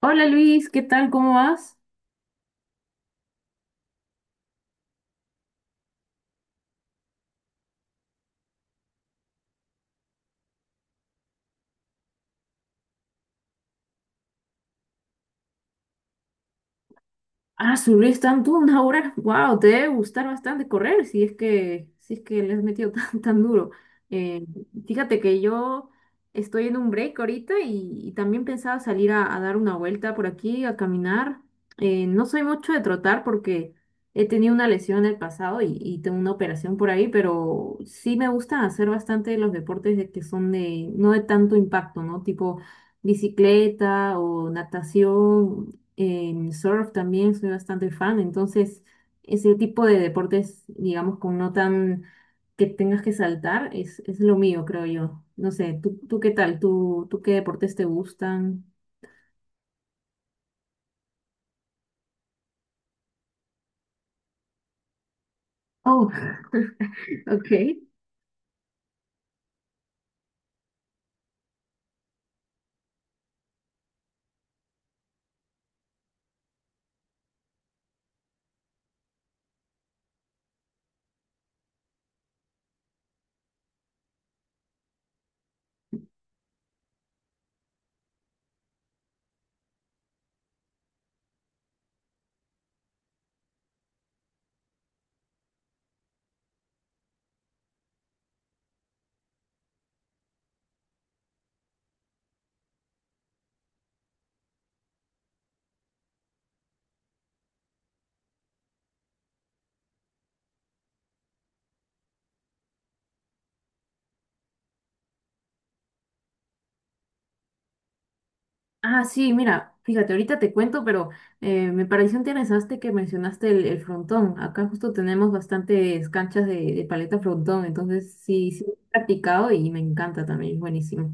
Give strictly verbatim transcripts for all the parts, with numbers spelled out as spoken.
Hola Luis, ¿qué tal? ¿Cómo vas? Ah, subir tanto una hora. Wow, te debe gustar bastante correr si es que, si es que le has metido tan, tan duro. Eh, fíjate que yo estoy en un break ahorita y, y también pensaba salir a, a dar una vuelta por aquí, a caminar. Eh, no soy mucho de trotar porque he tenido una lesión en el pasado y, y tengo una operación por ahí, pero sí me gusta hacer bastante los deportes de que son de, no de tanto impacto, ¿no? Tipo bicicleta o natación. En surf también soy bastante fan, entonces ese tipo de deportes, digamos, con no tan que tengas que saltar, es, es lo mío, creo yo. No sé, ¿tú, tú qué tal? ¿Tú, tú qué deportes te gustan? Oh, ok. Ah, sí, mira, fíjate, ahorita te cuento, pero eh, me pareció interesante que mencionaste el, el frontón. Acá justo tenemos bastantes canchas de, de paleta frontón, entonces sí, sí, he practicado y me encanta también, es buenísimo.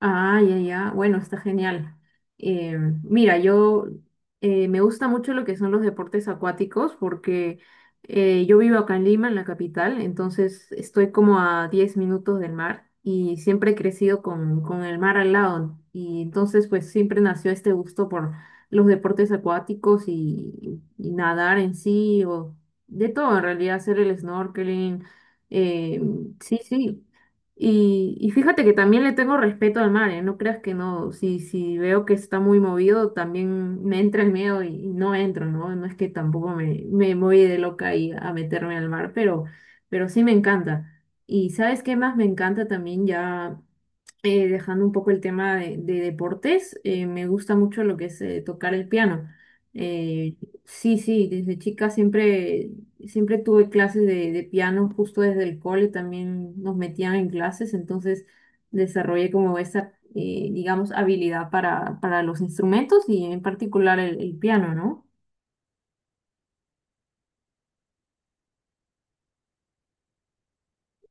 Ah, ya, ya. Bueno, está genial. Eh, mira, yo eh, me gusta mucho lo que son los deportes acuáticos porque eh, yo vivo acá en Lima, en la capital, entonces estoy como a diez minutos del mar y siempre he crecido con, con el mar al lado. Y entonces pues siempre nació este gusto por los deportes acuáticos y, y nadar en sí o de todo, en realidad hacer el snorkeling. eh, sí, sí. Y, y fíjate que también le tengo respeto al mar, ¿eh? No creas que no, si, si veo que está muy movido, también me entra el miedo y, y no entro, ¿no? No es que tampoco me, me voy de loca ahí a meterme al mar, pero, pero sí me encanta. Y ¿sabes qué más me encanta también ya? eh, dejando un poco el tema de, de deportes, eh, me gusta mucho lo que es eh, tocar el piano. Eh, sí, sí, desde chica siempre, siempre tuve clases de, de piano, justo desde el cole también nos metían en clases, entonces desarrollé como esa, eh, digamos, habilidad para, para los instrumentos y en particular el, el piano, ¿no?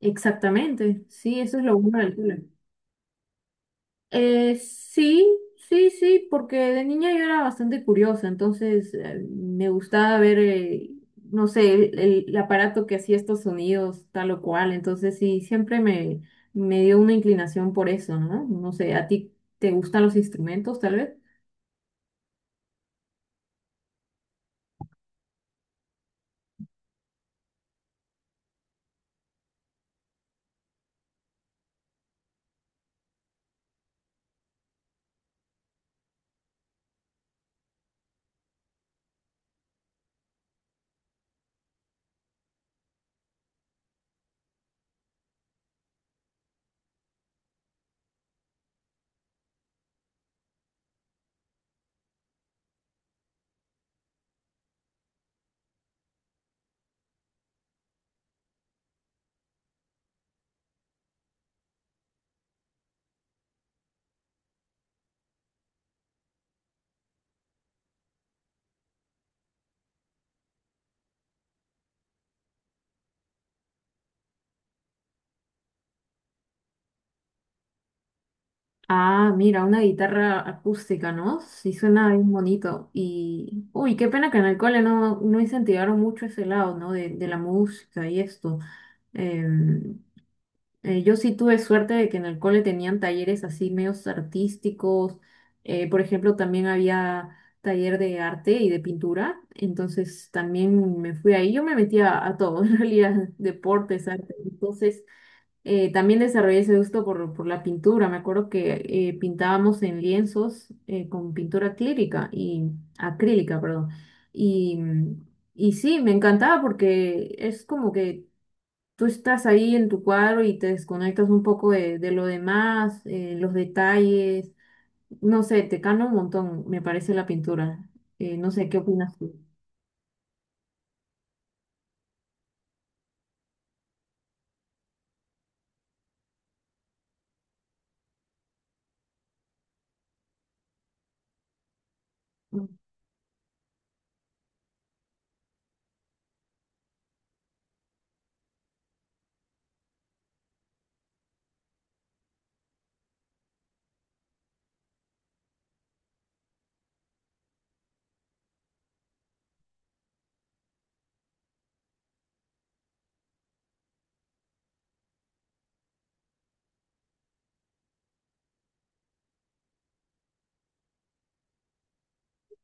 Exactamente, sí, eso es lo bueno del cole. Eh, sí, sí, sí, porque de niña yo era bastante curiosa, entonces eh, me gustaba ver, eh, no sé, el, el- el aparato que hacía estos sonidos, tal o cual, entonces sí, siempre me, me dio una inclinación por eso, ¿no? No sé, ¿a ti te gustan los instrumentos, tal vez? Ah, mira, una guitarra acústica, ¿no? Sí, suena bien bonito. Y, uy, qué pena que en el cole no, no incentivaron mucho ese lado, ¿no? De, de la música y esto. Eh, yo sí tuve suerte de que en el cole tenían talleres así medios artísticos. eh, por ejemplo, también había taller de arte y de pintura. Entonces también me fui ahí. Yo me metía a todo, en realidad, deportes, arte. Entonces eh, también desarrollé ese gusto por, por la pintura. Me acuerdo que eh, pintábamos en lienzos eh, con pintura acrílica y acrílica, perdón. Y, y sí, me encantaba porque es como que tú estás ahí en tu cuadro y te desconectas un poco de, de lo demás, eh, los detalles, no sé, te cambia un montón, me parece la pintura. Eh, no sé, ¿qué opinas tú?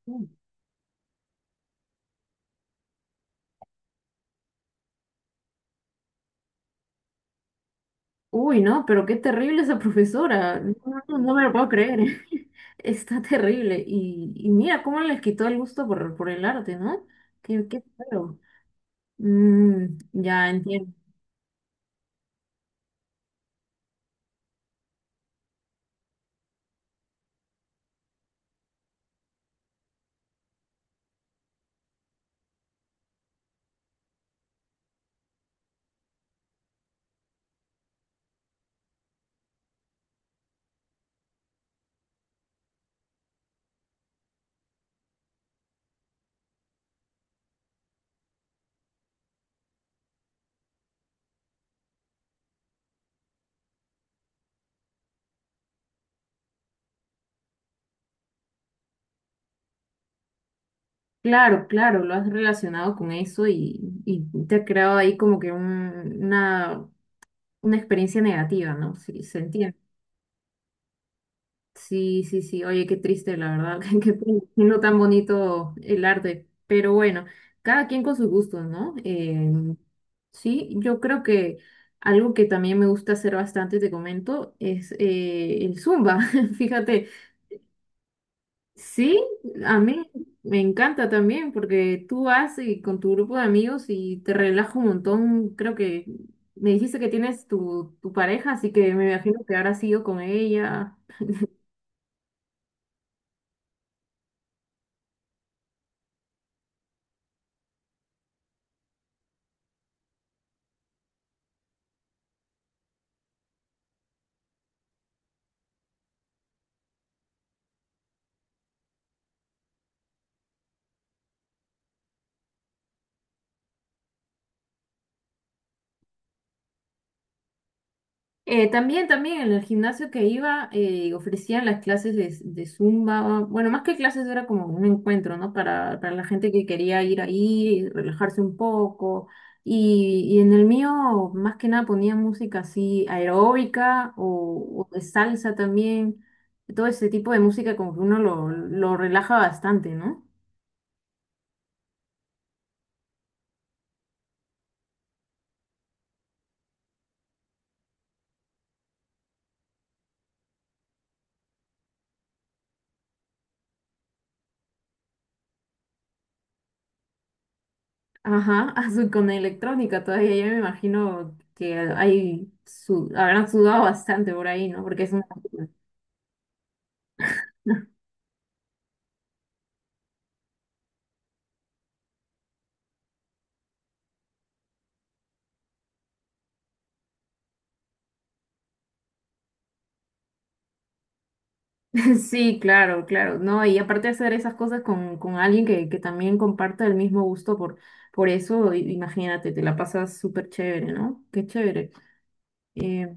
Ujú. Uy, no, pero qué terrible esa profesora, no, no- no me lo puedo creer, está terrible. Y, y mira cómo les quitó el gusto por, por el arte, ¿no? Qué, qué feo. Mm, ya entiendo. Claro, claro, lo has relacionado con eso y, y te ha creado ahí como que un- una una experiencia negativa, ¿no? Sí, se entiende. Sí, sí, sí. Oye, qué triste, la verdad. Qué pena. No tan bonito el arte. Pero bueno, cada quien con sus gustos, ¿no? Em, sí, yo creo que algo que también me gusta hacer bastante, te comento, es eh, el Zumba. Fíjate, sí, a mí me encanta también porque tú vas y con tu grupo de amigos y te relajas un montón. Creo que me dijiste que tienes tu, tu pareja, así que me imagino que habrás ido con ella. Eh, también, también en el gimnasio que iba eh, ofrecían las clases de, de Zumba, bueno, más que clases era como un encuentro, ¿no? Para, para la gente que quería ir ahí, relajarse un poco. Y, y en el mío, más que nada, ponía música así aeróbica o, o de salsa también. Todo ese tipo de música como que uno lo, lo relaja bastante, ¿no? Ajá, azul con electrónica todavía, yo me imagino que hay, su, habrán sudado bastante por ahí, ¿no? Porque es una... Sí, claro, claro, ¿no? Y aparte de hacer esas cosas con, con alguien que, que también comparta el mismo gusto por, por eso, i- imagínate, te la pasas súper chévere, ¿no? Qué chévere. Eh,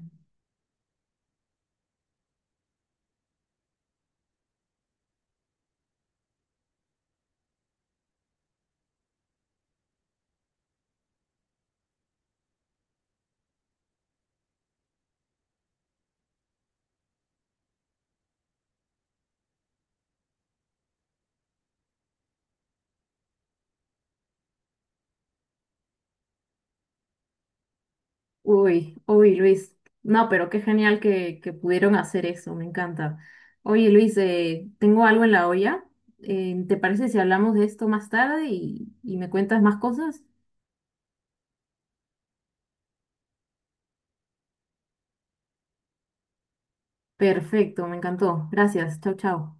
uy, uy, Luis. No, pero qué genial que, que pudieron hacer eso, me encanta. Oye, Luis, eh, tengo algo en la olla. Eh, ¿te parece si hablamos de esto más tarde y, y me cuentas más cosas? Perfecto, me encantó. Gracias, chao, chao.